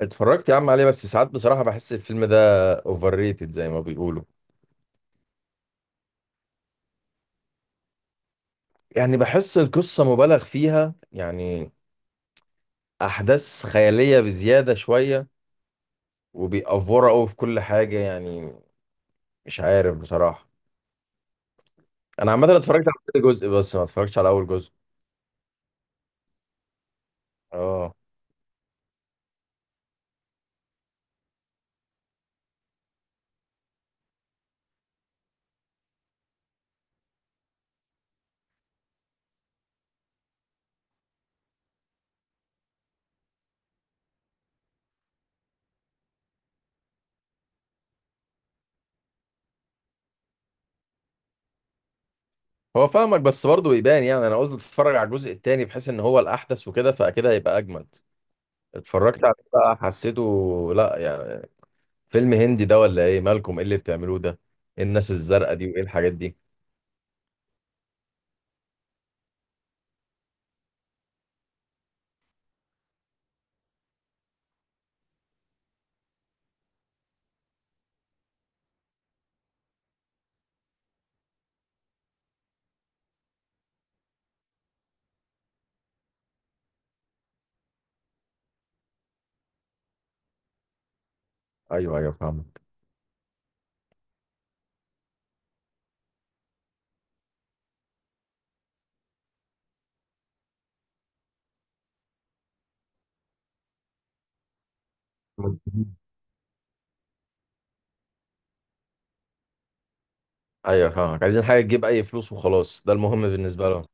اتفرجت يا عم عليه، بس ساعات بصراحة بحس الفيلم ده اوفر ريتد زي ما بيقولوا. يعني بحس القصة مبالغ فيها، يعني أحداث خيالية بزيادة شوية، وبيأفوروا قوي في كل حاجة يعني. مش عارف بصراحة. أنا عامة اتفرجت على كل جزء، بس ما اتفرجتش على أول جزء. اه. هو فاهمك، بس برضه يبان يعني. أنا قلت اتفرج على الجزء التاني بحيث إن هو الأحدث وكده، فأكيد هيبقى أجمد. اتفرجت عليه بقى، حسيته لا يعني. فيلم هندي ده ولا إيه؟ مالكم؟ إيه اللي بتعملوه ده؟ إيه الناس الزرقاء دي وإيه الحاجات دي؟ ايوه ايوه، فاهمك. ايوه، فاهمك. عايزين حاجه تجيب اي فلوس وخلاص، ده المهم بالنسبه لهم.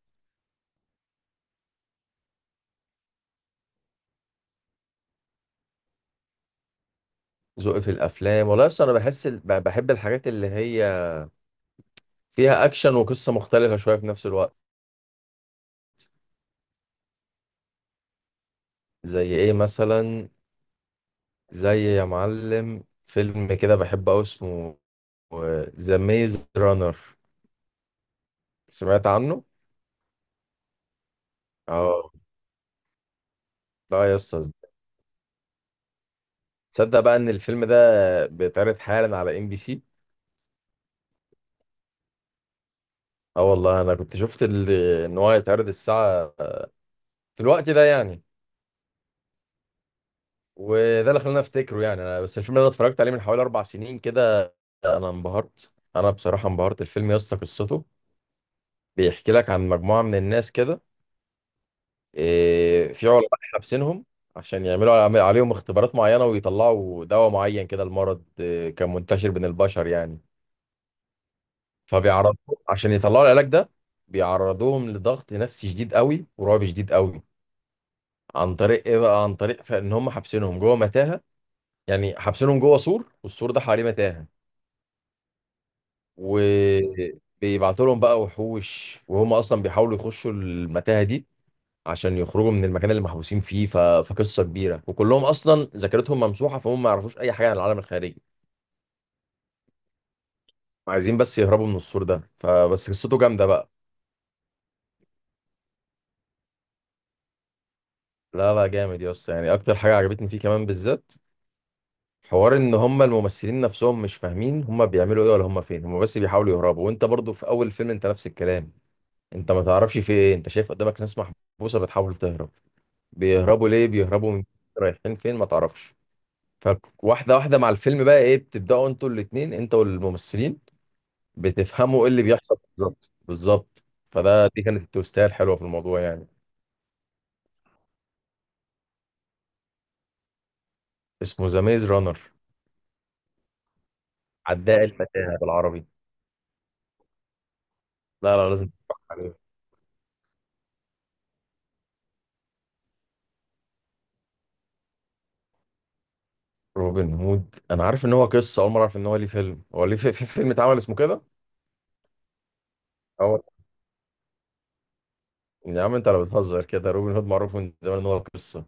ذوقي في الافلام، والله اصل انا بحس بحب الحاجات اللي هي فيها اكشن وقصه مختلفه شويه في نفس الوقت. زي ايه مثلا؟ زي يا معلم فيلم كده بحبه قوي، اسمه ذا ميز رانر. سمعت عنه؟ اه. لا يا اسطى، تصدق بقى ان الفيلم ده بيتعرض حالا على ام بي سي؟ اه والله، انا كنت شفت ان هو هيتعرض الساعه في الوقت ده يعني. وده اللي خلاني افتكره يعني. انا بس الفيلم اللي انا اتفرجت عليه من حوالي اربع سنين كده، انا انبهرت، انا بصراحه انبهرت. الفيلم يا اسطى قصته بيحكي لك عن مجموعه من الناس كده. في علماء حابسينهم عشان يعملوا عليهم اختبارات معينه، ويطلعوا دواء معين كده المرض كان منتشر بين البشر يعني. فبيعرضوهم عشان يطلعوا العلاج ده. بيعرضوهم لضغط نفسي شديد قوي ورعب شديد قوي. عن طريق ايه بقى؟ عن طريق فان هم حابسينهم جوه متاهه. يعني حابسينهم جوه سور، والسور ده حواليه متاهه. وبيبعتوا لهم بقى وحوش، وهم اصلا بيحاولوا يخشوا المتاهه دي عشان يخرجوا من المكان اللي محبوسين فيه. ف... فقصه كبيره، وكلهم اصلا ذاكرتهم ممسوحه، فهم ما يعرفوش اي حاجه عن العالم الخارجي. عايزين بس يهربوا من السور ده. فبس قصته جامده بقى. لا لا، جامد يا اسطى يعني. اكتر حاجه عجبتني فيه كمان بالذات، حوار ان هم الممثلين نفسهم مش فاهمين هم بيعملوا ايه ولا هم فين. هم بس بيحاولوا يهربوا، وانت برضو في اول فيلم انت نفس الكلام، انت ما تعرفش في ايه. انت شايف قدامك ناس محبوسه بتحاول تهرب. بيهربوا ليه؟ بيهربوا من؟ رايحين فين؟ ما تعرفش. فواحده واحده مع الفيلم بقى ايه، بتبداوا انتوا الاتنين انت والممثلين بتفهموا ايه اللي بيحصل بالظبط بالظبط. فده دي كانت التوستاية الحلوه في الموضوع يعني. اسمه ذا ميز رانر. عداء المتاهه بالعربي. لا لا، لازم تتفرج عليه. روبن هود، انا عارف ان هو قصه. اول مره اعرف ان هو ليه فيلم. هو ليه في فيلم اتعمل اسمه كده؟ أول يا عم انت لو بتهزر كده، روبن هود معروف من زمان ان هو قصه.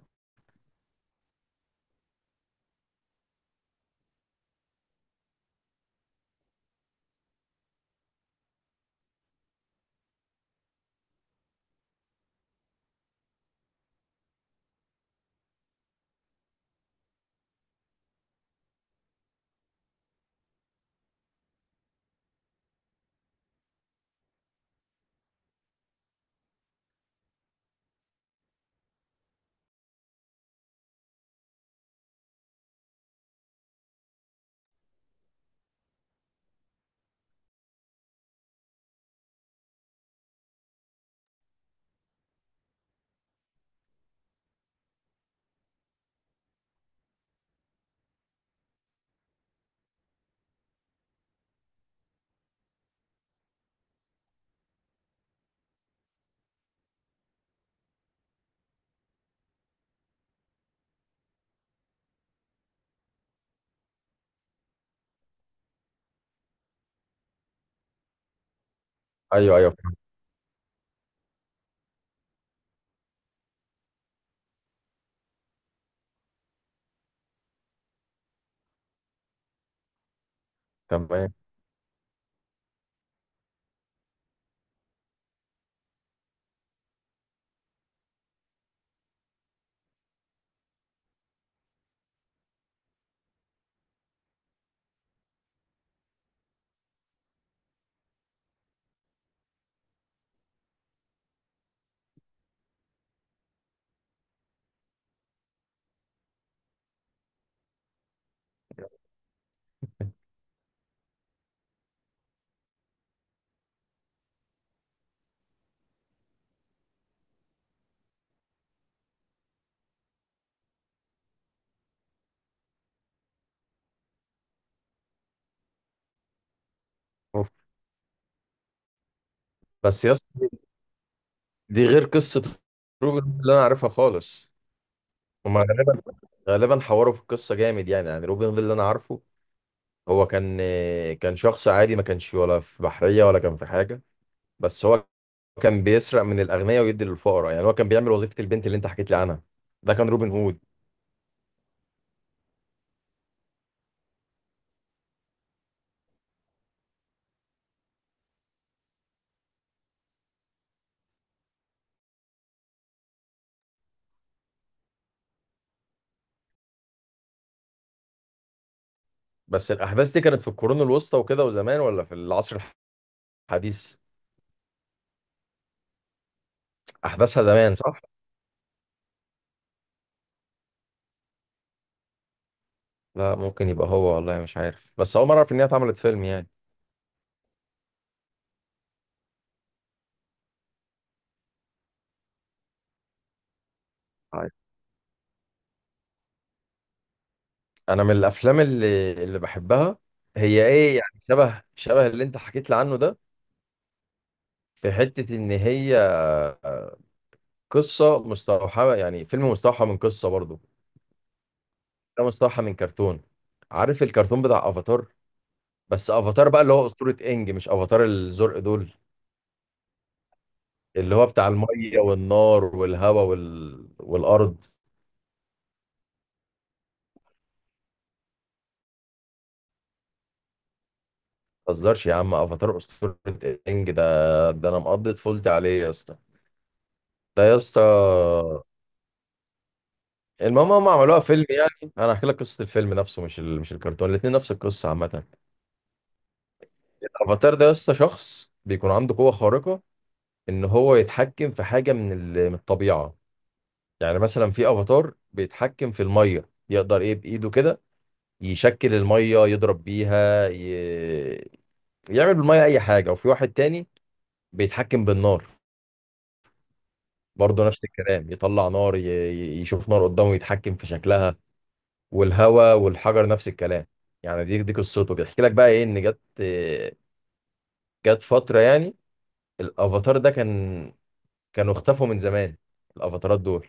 ايوه ايوه. تمام. بس يا اسطى، دي غير قصة روبن هود اللي انا عارفها خالص. هما غالبا حوروا في القصة جامد يعني روبن هود اللي انا عارفه، هو كان شخص عادي، ما كانش ولا في بحرية ولا كان في حاجة. بس هو كان بيسرق من الأغنياء ويدي للفقراء. يعني هو كان بيعمل وظيفة البنت اللي انت حكيت لي عنها. ده كان روبن هود. بس الأحداث دي كانت في القرون الوسطى وكده وزمان، ولا في العصر الحديث؟ أحداثها زمان صح؟ لا ممكن يبقى هو، والله مش عارف، بس أول مرة أعرف إن هي اتعملت فيلم يعني. انا من الافلام اللي بحبها، هي ايه يعني، شبه شبه اللي انت حكيت لي عنه ده. في حتة ان هي قصة مستوحاة، يعني فيلم مستوحى من قصة برضه. ده مستوحى من كرتون. عارف الكرتون بتاع افاتار؟ بس افاتار بقى اللي هو اسطورة انج، مش افاتار الزرق دول. اللي هو بتاع المية والنار والهواء والارض. ما تهزرش يا عم، افاتار اسطورة انج ده، ده انا مقضي طفولتي عليه يا اسطى. ده يا اسطى، المهم هم عملوها فيلم يعني. انا هحكي لك قصه الفيلم نفسه، مش الكرتون. الاثنين نفس القصه عامه. الافاتار ده يا اسطى شخص بيكون عنده قوه خارقه، ان هو يتحكم في حاجه من الطبيعه. يعني مثلا في افاتار بيتحكم في الميه، يقدر ايه بايده كده يشكل الميه، يضرب بيها، يعمل بالميه اي حاجه. وفي واحد تاني بيتحكم بالنار، برضه نفس الكلام، يطلع نار، يشوف نار قدامه يتحكم في شكلها. والهوا والحجر نفس الكلام. يعني دي قصته. بيحكي لك بقى ايه ان جت فتره يعني، الافاتار ده كان، اختفوا من زمان الافاتارات دول.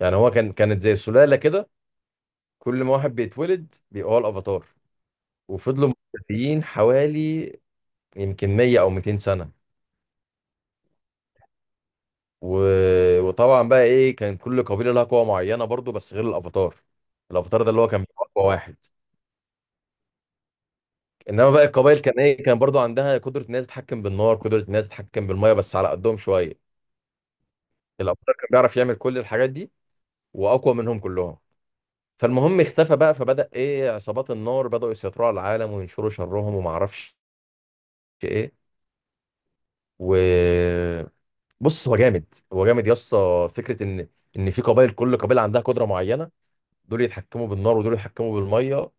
يعني هو كانت زي سلاله كده، كل ما واحد بيتولد بيبقى هو الافاتار. وفضلوا مختفيين حوالي، يمكن 100 او 200 سنه. و... وطبعا بقى ايه، كان كل قبيله لها قوه معينه برضو، بس غير الافاتار. الافاتار ده اللي هو كان بيبقى اقوى واحد. انما بقى القبائل كان ايه، كان برضو عندها قدره ان هي تتحكم بالنار، قدره ان هي تتحكم بالميه، بس على قدهم شويه. الابطال كان بيعرف يعمل كل الحاجات دي واقوى منهم كلهم. فالمهم اختفى بقى، فبدا ايه عصابات النار بداوا يسيطروا على العالم وينشروا شرهم، وما اعرفش ايه. و بص، هو جامد. هو جامد يا اسطى. فكره ان في قبائل كل قبيله عندها قدره معينه، دول يتحكموا بالنار ودول يتحكموا بالميه.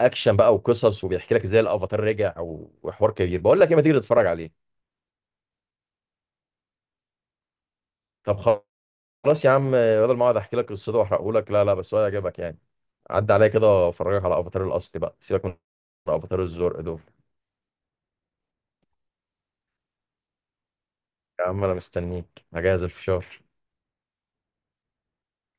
اكشن بقى وقصص، وبيحكي لك ازاي الافاتار رجع وحوار كبير. بقول لك ايه، ما تيجي تتفرج عليه؟ طب، خلاص يا عم، بدل ما اقعد احكي لك قصته واحرقه لك. لا لا، بس هو هيعجبك يعني. عدى عليا كده وافرجك على افاتار الاصلي بقى، سيبك من افاتار الزرق دول. يا عم انا مستنيك، هجهز الفشار.